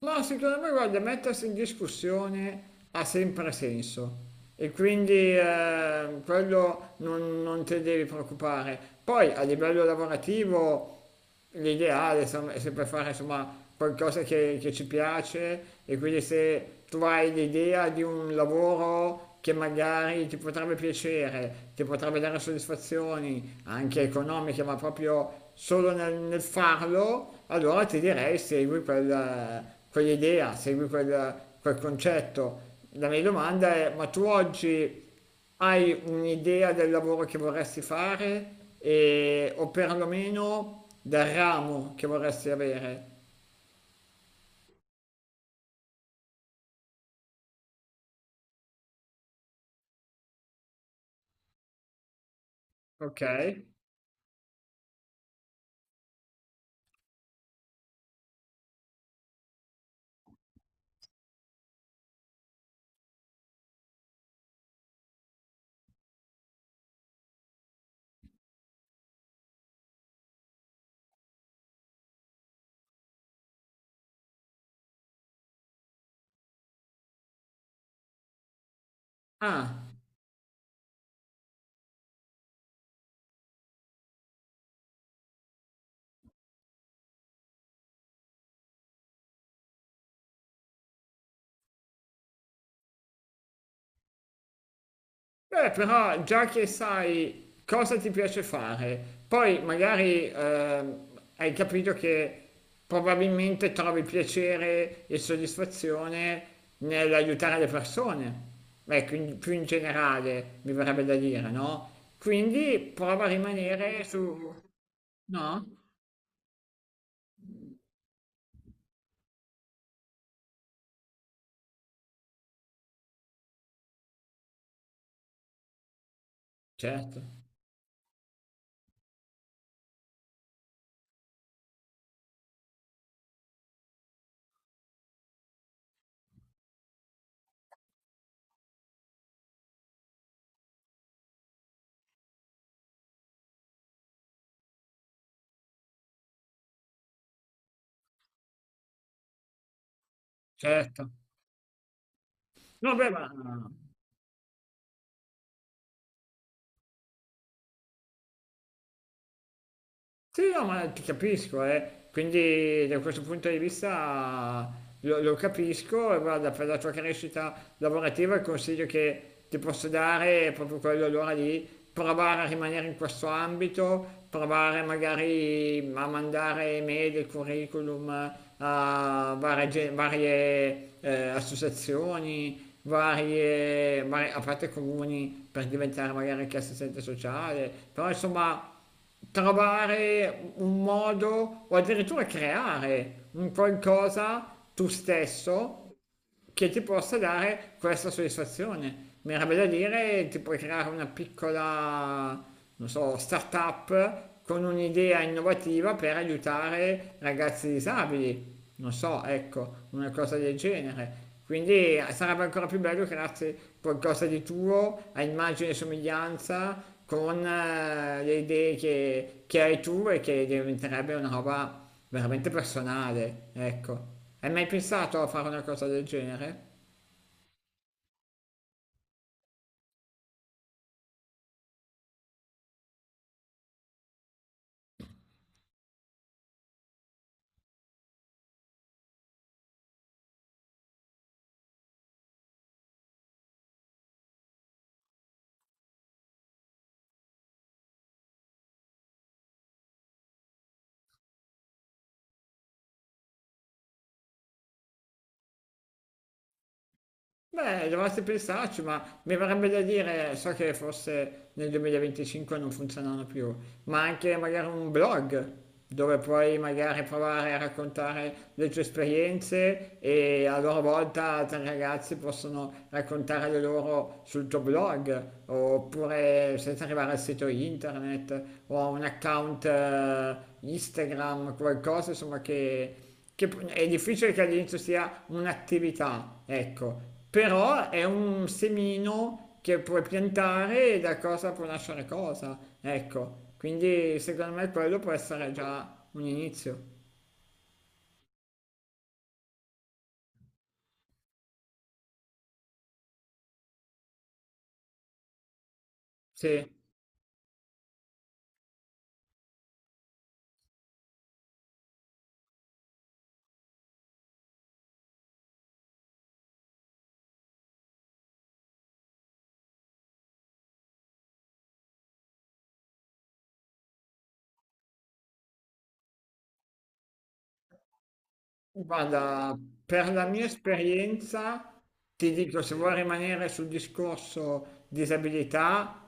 Ma secondo me, guarda, mettersi in discussione ha sempre senso e quindi quello non te devi preoccupare. Poi a livello lavorativo l'ideale insomma, è sempre fare insomma, qualcosa che ci piace e quindi se tu hai l'idea di un lavoro che magari ti potrebbe piacere, ti potrebbe dare soddisfazioni anche economiche, ma proprio solo nel farlo, allora ti direi segui quella quell'idea, segui quel concetto. La mia domanda è, ma tu oggi hai un'idea del lavoro che vorresti fare o perlomeno del ramo che vorresti avere? Ok? Ah. Beh, però già che sai cosa ti piace fare, poi magari hai capito che probabilmente trovi piacere e soddisfazione nell'aiutare le persone. Beh, quindi più in generale mi verrebbe da dire, no? Quindi prova a rimanere su. No? Certo, certo. No, beh, ma. Sì, no, ma ti capisco, eh. Quindi da questo punto di vista lo capisco e guarda, per la tua crescita lavorativa il consiglio che ti posso dare è proprio quello allora di provare a rimanere in questo ambito, provare magari a mandare email e curriculum a varie, associazioni, a parte comuni per diventare magari anche assistente sociale, però insomma trovare un modo o addirittura creare un qualcosa tu stesso che ti possa dare questa soddisfazione. Mi era da dire, ti puoi creare una piccola, non so, startup con un'idea innovativa per aiutare ragazzi disabili. Non so, ecco, una cosa del genere. Quindi sarebbe ancora più bello crearsi qualcosa di tuo, a immagine e somiglianza, con le idee che hai tu e che diventerebbe una roba veramente personale, ecco. Hai mai pensato a fare una cosa del genere? Beh, dovresti pensarci, ma mi verrebbe da dire, so che forse nel 2025 non funzionano più, ma anche magari un blog dove puoi magari provare a raccontare le tue esperienze e a loro volta altri ragazzi possono raccontare le loro sul tuo blog, oppure senza arrivare al sito internet o a un account Instagram, qualcosa insomma che è difficile che all'inizio sia un'attività, ecco, però è un semino che puoi piantare e da cosa può nascere cosa, ecco, quindi secondo me quello può essere già un inizio. Sì, guarda, per la mia esperienza ti dico, se vuoi rimanere sul discorso disabilità,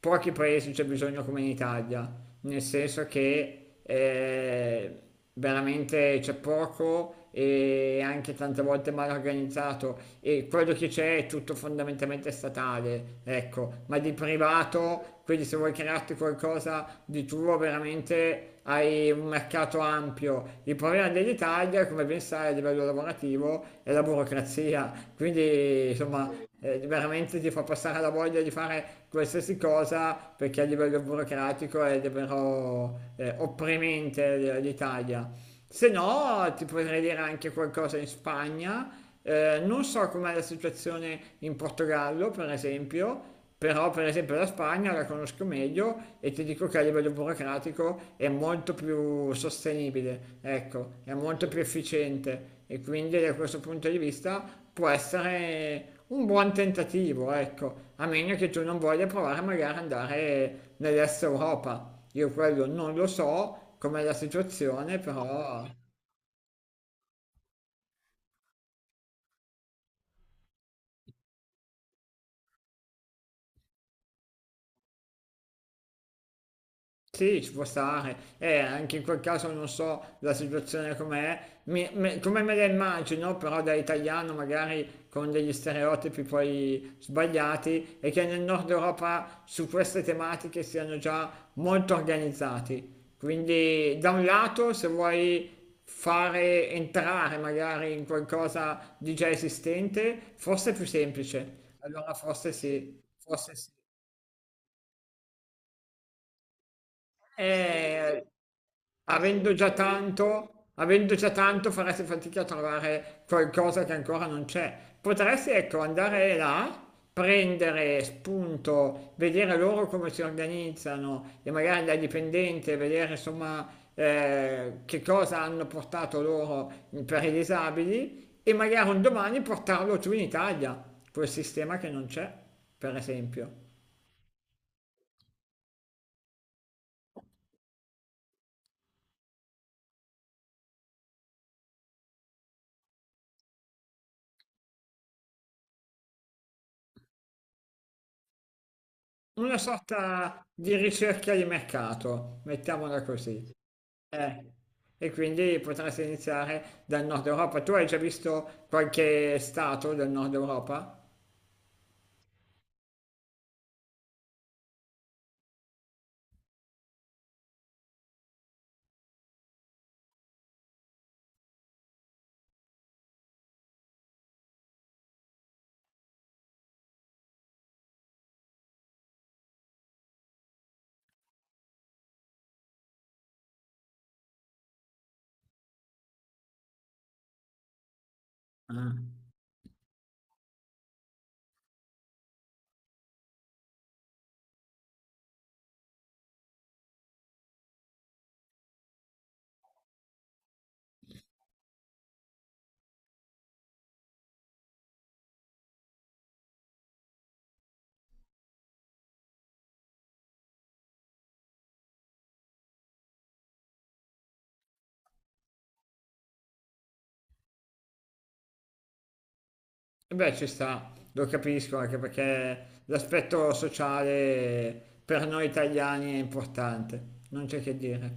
pochi paesi c'è bisogno come in Italia, nel senso che veramente c'è poco e anche tante volte mal organizzato e quello che c'è è tutto fondamentalmente statale, ecco, ma di privato, quindi se vuoi crearti qualcosa di tuo veramente hai un mercato ampio. Il problema dell'Italia, come ben sai, a livello lavorativo è la burocrazia, quindi insomma veramente ti fa passare la voglia di fare qualsiasi cosa perché a livello burocratico è davvero opprimente l'Italia. Se no, ti potrei dire anche qualcosa in Spagna. Non so com'è la situazione in Portogallo, per esempio, però per esempio la Spagna la conosco meglio e ti dico che a livello burocratico è molto più sostenibile, ecco, è molto più efficiente e quindi da questo punto di vista può essere un buon tentativo, ecco, a meno che tu non voglia provare magari ad andare nell'est Europa. Io quello non lo so. Com'è la situazione, però sì, ci può stare. E anche in quel caso non so la situazione com'è, come me la immagino, però da italiano magari con degli stereotipi poi sbagliati e che nel nord Europa su queste tematiche siano già molto organizzati. Quindi da un lato, se vuoi fare entrare magari in qualcosa di già esistente, forse è più semplice. Allora forse sì, forse sì. Eh, Avendo già tanto, avendo già tanto faresti fatica a trovare qualcosa che ancora non c'è. Potresti, ecco, andare là, prendere spunto, vedere loro come si organizzano e magari da dipendente vedere insomma che cosa hanno portato loro per i disabili e magari un domani portarlo giù in Italia, quel sistema che non c'è, per esempio. Una sorta di ricerca di mercato, mettiamola così. Eh, e quindi potresti iniziare dal nord Europa. Tu hai già visto qualche stato del nord Europa? Ah. E beh, ci sta, lo capisco anche perché l'aspetto sociale per noi italiani è importante, non c'è che dire.